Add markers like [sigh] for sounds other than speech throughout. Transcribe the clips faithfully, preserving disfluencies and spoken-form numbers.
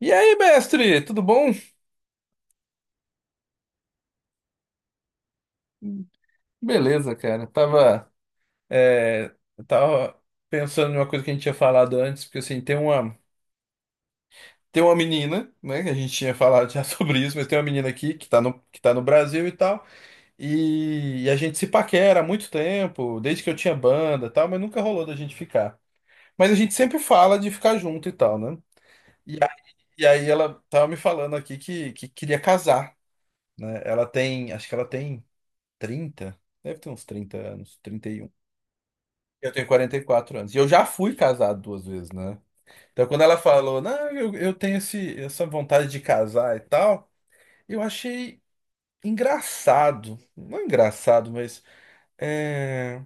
E aí, mestre, tudo bom? Beleza, cara. Tava, é, tava pensando numa coisa que a gente tinha falado antes, porque assim, tem uma, tem uma menina, né, que a gente tinha falado já [laughs] sobre isso, mas tem uma menina aqui que tá no, que tá no Brasil e tal, e, e a gente se paquera há muito tempo, desde que eu tinha banda e tal, mas nunca rolou da gente ficar. Mas a gente sempre fala de ficar junto e tal, né? E, a- e aí ela tava me falando aqui que, que queria casar, né? Ela tem, acho que ela tem trinta, deve ter uns trinta anos, trinta e um. Eu tenho quarenta e quatro anos. E eu já fui casado duas vezes, né? Então, quando ela falou, não, eu, eu tenho esse, essa vontade de casar e tal, eu achei engraçado. Não engraçado, mas. eh,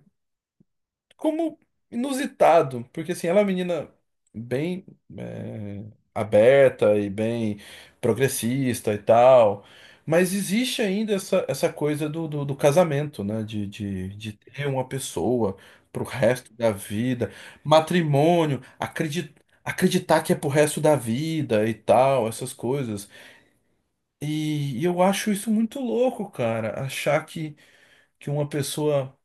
como inusitado, porque assim, ela é uma menina bem é, aberta e bem progressista e tal, mas existe ainda essa, essa coisa do, do, do casamento, né? De, de, de ter uma pessoa pro resto da vida, matrimônio, acreditar. Acreditar que é pro resto da vida e tal, essas coisas. E, e eu acho isso muito louco, cara. Achar que, que uma pessoa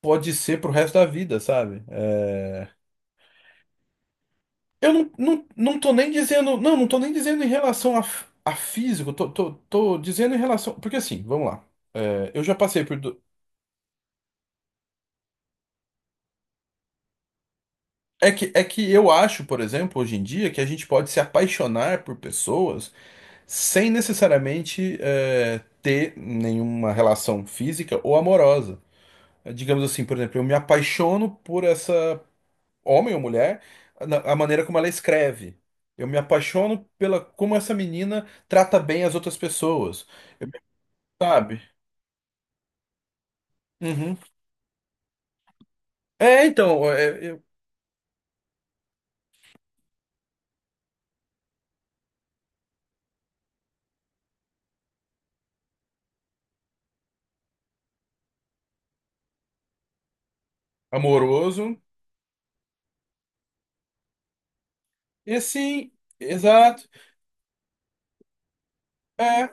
pode ser pro resto da vida, sabe? Eu não, não, não tô nem dizendo. Não, não tô nem dizendo em relação a, f- a físico. Tô, tô, tô dizendo em relação. Porque assim, vamos lá. É, eu já passei por. do- É que, é que eu acho, por exemplo, hoje em dia, que a gente pode se apaixonar por pessoas sem necessariamente é, ter nenhuma relação física ou amorosa. É, digamos assim, por exemplo, eu me apaixono por essa homem ou mulher, na- a maneira como ela escreve. Eu me apaixono pela como essa menina trata bem as outras pessoas. Sabe? Uhum. É, então, é, eu- amoroso. E assim, exato. É,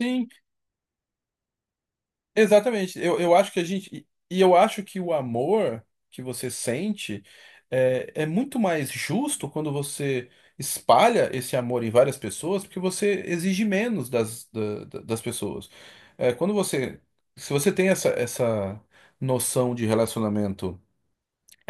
sim, exatamente. Eu, eu acho que a gente. E e eu acho que o amor que você sente é, é muito mais justo quando você espalha esse amor em várias pessoas, porque você exige menos das, da- da- das pessoas. É, quando você. Se você tem essa, essa noção de relacionamento,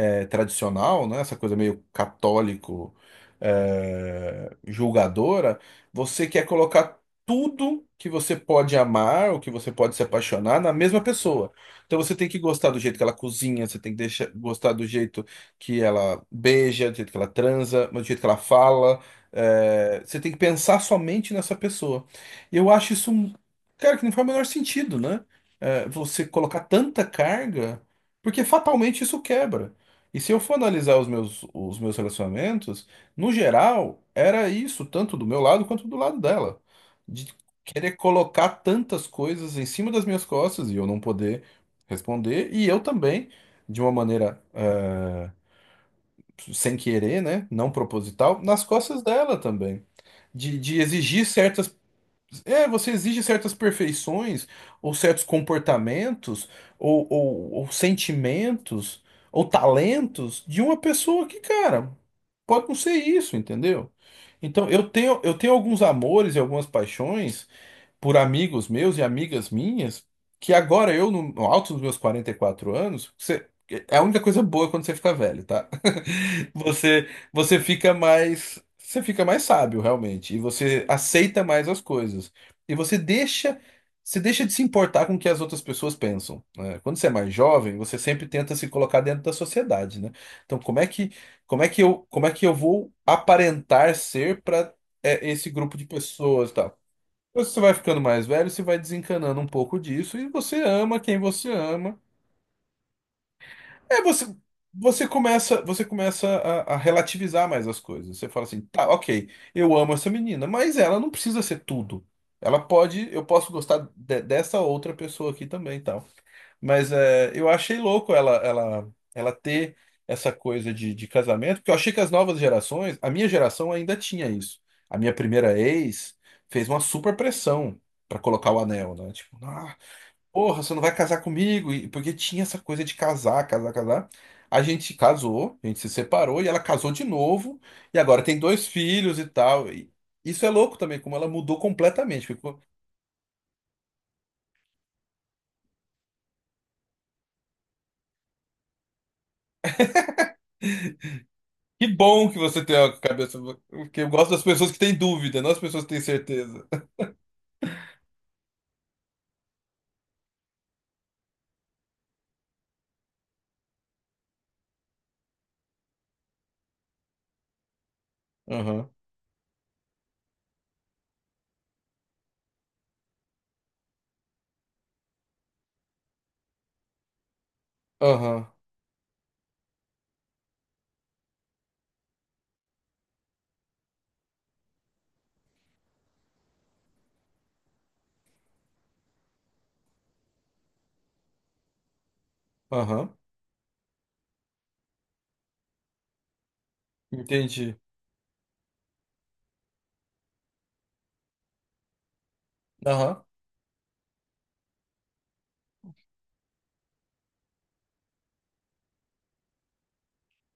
é, tradicional, né? Essa coisa meio católico, é, julgadora, você quer colocar tudo que você pode amar, ou que você pode se apaixonar na mesma pessoa. Então você tem que gostar do jeito que ela cozinha, você tem que deixar, gostar do jeito que ela beija, do jeito que ela transa, do jeito que ela fala. É, você tem que pensar somente nessa pessoa. E eu acho isso, um- cara, que não faz o menor sentido, né? É, você colocar tanta carga, porque fatalmente isso quebra. E se eu for analisar os meus, os meus relacionamentos, no geral, era isso, tanto do meu lado quanto do lado dela. De querer colocar tantas coisas em cima das minhas costas e eu não poder responder. E eu também, de uma maneira, eh, sem querer, né? Não proposital, nas costas dela também. De, de exigir certas é, você exige certas perfeições, ou certos comportamentos, ou, ou, ou sentimentos, ou talentos de uma pessoa que, cara, pode não ser isso, entendeu? Então, eu tenho, eu tenho alguns amores e algumas paixões por amigos meus e amigas minhas, que agora eu, no no alto dos meus quarenta e quatro anos, você, é a única coisa boa quando você fica velho, tá? Você, você fica mais, você fica mais sábio, realmente, e você aceita mais as coisas. E você deixa, você deixa de se importar com o que as outras pessoas pensam, né? Quando você é mais jovem, você sempre tenta se colocar dentro da sociedade, né? Então, como é que, como é que eu, como é que eu vou aparentar ser para esse grupo de pessoas, e tal? Depois que você vai ficando mais velho, você vai desencanando um pouco disso e você ama quem você ama. É, você, você começa, você começa a, a relativizar mais as coisas. Você fala assim, tá, ok, eu amo essa menina, mas ela não precisa ser tudo. Ela pode, eu posso gostar de- dessa outra pessoa aqui também, e tal. Mas é, eu achei louco ela, ela, ela ter essa coisa de, de casamento, porque eu achei que as novas gerações, a minha geração ainda tinha isso. A minha primeira ex fez uma super pressão pra colocar o anel, né? Tipo, ah, porra, você não vai casar comigo? E- Porque tinha essa coisa de casar, casar, casar. A gente casou, a gente se separou e ela casou de novo. E agora tem dois filhos e tal. E isso é louco também, como ela mudou completamente. Ficou- Que bom que você tem a cabeça. Porque eu gosto das pessoas que têm dúvida, não as pessoas que têm certeza. Aham, aham, aham. Entendi. Aham.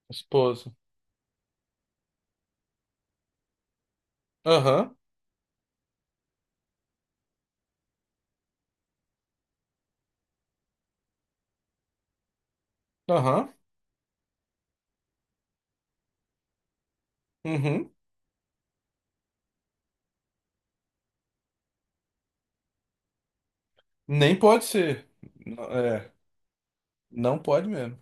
Esposo. Aham, aham, uhum. Nem pode ser. N- É, não pode mesmo.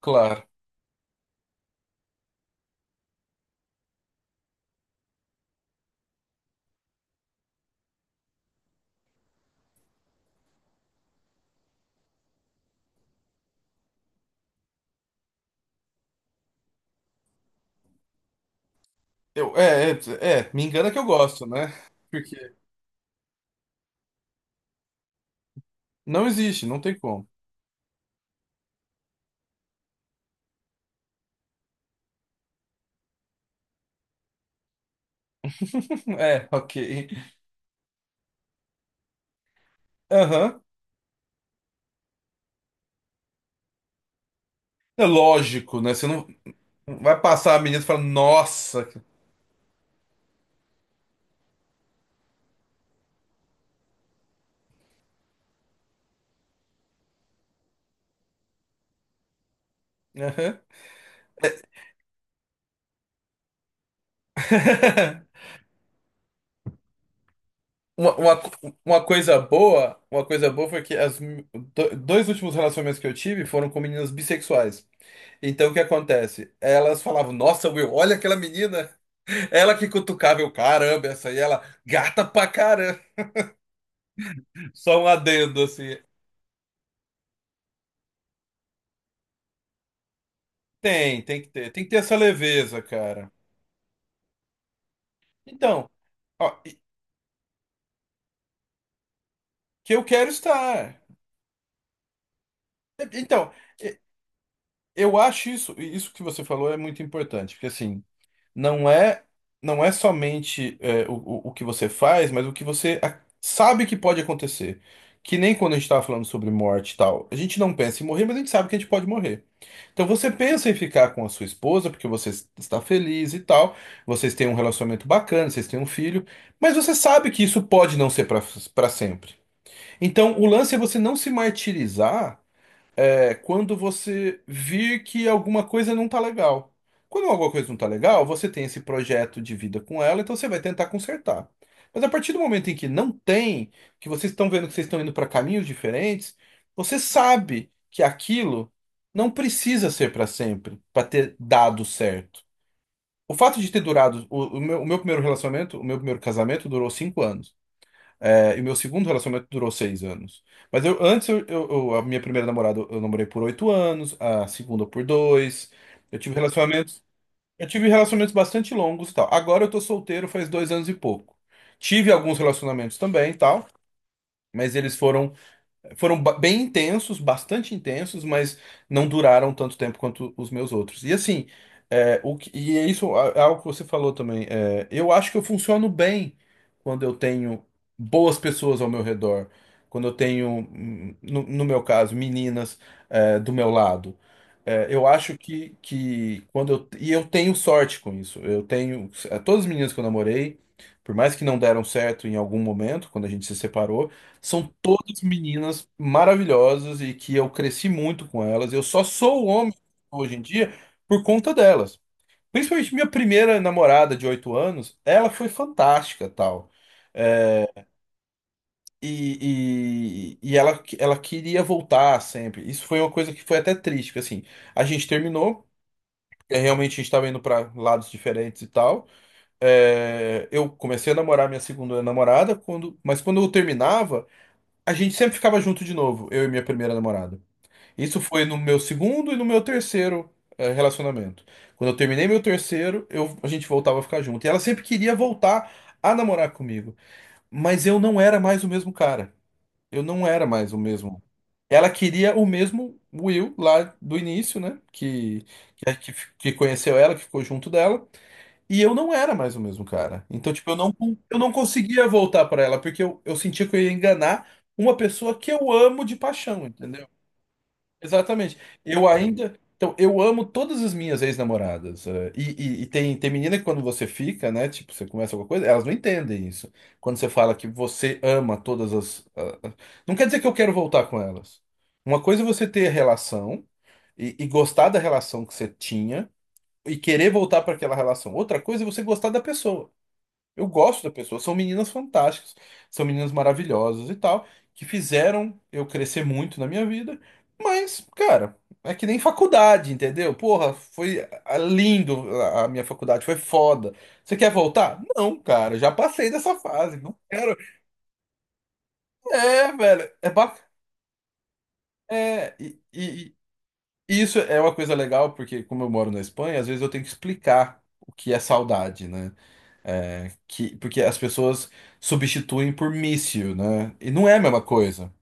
Claro. Eu, é, é, é, Me engana que eu gosto, né? Porque não existe, não tem como. [laughs] É, ok. Aham. É lógico, né? Você não vai passar a menina e falar, nossa. que- Aham. [laughs] Uma, uma, co- uma coisa boa, uma coisa boa foi que as, mi- do- dois últimos relacionamentos que eu tive foram com meninas bissexuais. Então o que acontece? Elas falavam, nossa, Will, olha aquela menina. Ela que cutucava, eu, caramba, essa aí, ela gata pra caramba. Só um adendo, assim. Tem, tem que ter, tem que ter essa leveza, cara. Então, ó, e- que eu quero estar. E- Então, e- eu acho isso, isso que você falou é muito importante, porque assim, não é, não é somente é, o, o o que você faz, mas o que você a- sabe que pode acontecer. Que nem quando a gente estava falando sobre morte e tal, a gente não pensa em morrer, mas a gente sabe que a gente pode morrer. Então você pensa em ficar com a sua esposa porque você está feliz e tal, vocês têm um relacionamento bacana, vocês têm um filho, mas você sabe que isso pode não ser para para sempre. Então o lance é você não se martirizar é quando você vir que alguma coisa não tá legal. Quando alguma coisa não tá legal, você tem esse projeto de vida com ela, então você vai tentar consertar. Mas a partir do momento em que não tem, que vocês estão vendo que vocês estão indo para caminhos diferentes, você sabe que aquilo não precisa ser para sempre, para ter dado certo. O fato de ter durado, o, o meu, o meu primeiro relacionamento, o meu primeiro casamento durou cinco anos. É, e meu segundo relacionamento durou seis anos. Mas eu antes, eu, eu- eu- a minha primeira namorada eu namorei por oito anos, a segunda por dois. Eu tive relacionamentos, eu tive relacionamentos bastante longos e tal. Agora eu tô solteiro faz dois anos e pouco. Tive alguns relacionamentos também e tal, mas eles foram foram ba- bem intensos, bastante intensos, mas não duraram tanto tempo quanto os meus outros. E assim, é, o que, e é isso é algo que você falou também. É, eu acho que, eu funciono bem quando eu tenho boas pessoas ao meu redor, quando eu tenho, hum, no, no meu caso, meninas, é, do meu lado. É, eu acho que, que quando eu, e eu. Tenho sorte com isso. Eu tenho, é, todas as meninas que eu namorei, por mais que não deram certo em algum momento, quando a gente se separou. São todas meninas maravilhosas e que eu cresci muito com elas. Eu só sou o homem hoje em dia por conta delas. Principalmente minha primeira namorada de oito anos, ela foi fantástica, tal. E, e, e ela, ela queria voltar sempre. Isso foi uma coisa que foi até triste, porque assim, a gente terminou, é, realmente a gente estava indo para lados diferentes e tal. É, eu comecei a namorar minha segunda namorada, quando, mas quando eu terminava, a gente sempre ficava junto de novo, eu e minha primeira namorada. Isso foi no meu segundo e no meu terceiro eh, relacionamento. Quando eu terminei meu terceiro, eu- a gente voltava a ficar junto. E ela sempre queria voltar a namorar comigo. Mas eu não era mais o mesmo cara. Eu não era mais o mesmo. Ela queria o mesmo Will lá do início, né? Que, que, que que conheceu ela, que ficou junto dela. E eu não era mais o mesmo cara. Então, tipo, eu não, con- eu não conseguia voltar pra ela, porque eu, eu sentia que eu ia enganar uma pessoa que eu amo de paixão, entendeu? Exatamente. Eu ainda. Então, eu amo todas as minhas ex-namoradas. Eh, E, e- e tem, tem menina que quando você fica, né? Tipo, você começa alguma coisa, elas não entendem isso. Quando você fala que você ama todas as. Ah, ah, não quer dizer que eu quero voltar com elas. Uma coisa é você ter relação e, e gostar da relação que você tinha e querer voltar para aquela relação. Outra coisa é você gostar da pessoa. Eu gosto da pessoa. São meninas fantásticas, são meninas maravilhosas e tal, que fizeram eu crescer muito na minha vida. Mas, cara, é que nem faculdade, entendeu? Porra, foi ah, lindo a a minha faculdade, foi foda. Você quer voltar? Não, cara, já passei dessa fase, não quero. É, velho, é bacana. É, e, e- e isso é uma coisa legal, porque como eu moro na Espanha, às vezes eu tenho que explicar o que é saudade, né? que, porque as pessoas substituem por míssil, né? E não é a mesma coisa.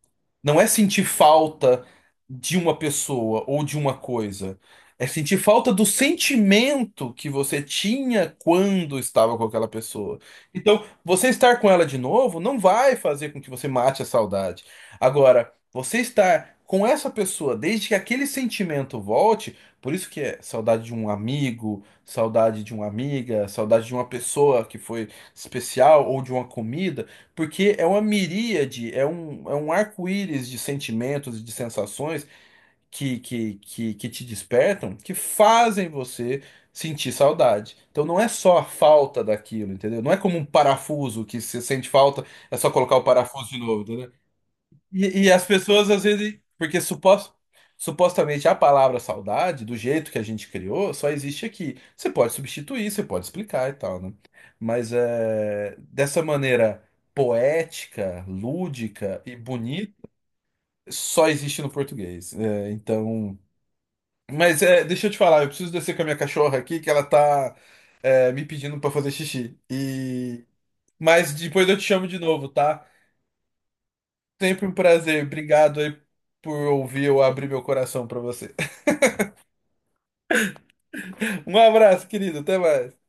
Não é sentir falta de uma pessoa ou de uma coisa. É sentir falta do sentimento que você tinha quando estava com aquela pessoa. Então, você estar com ela de novo não vai fazer com que você mate a saudade. Agora, você estar com essa pessoa desde que aquele sentimento volte, por isso que é saudade de um amigo, saudade de uma amiga, saudade de uma pessoa que foi especial ou de uma comida. Porque é uma miríade, é um, é um arco-íris de sentimentos e de sensações que, que, que, que te despertam, que fazem você sentir saudade. Então não é só a falta daquilo, entendeu? Não é como um parafuso que você sente falta, é só colocar o parafuso de novo, entendeu? E, e as pessoas às vezes. Porque supos- supostamente a palavra saudade, do jeito que a gente criou, só existe aqui. Você pode substituir, você pode explicar e tal, né? Mas é, dessa maneira poética, lúdica e bonita, só existe no português. É, então. Mas é, deixa eu te falar, eu preciso descer com a minha cachorra aqui, que ela tá é, me pedindo pra fazer xixi. E... Mas depois eu te chamo de novo, tá? Sempre um prazer. Obrigado aí por ouvir eu abrir meu coração pra você. [laughs] Um abraço, querido. Até mais.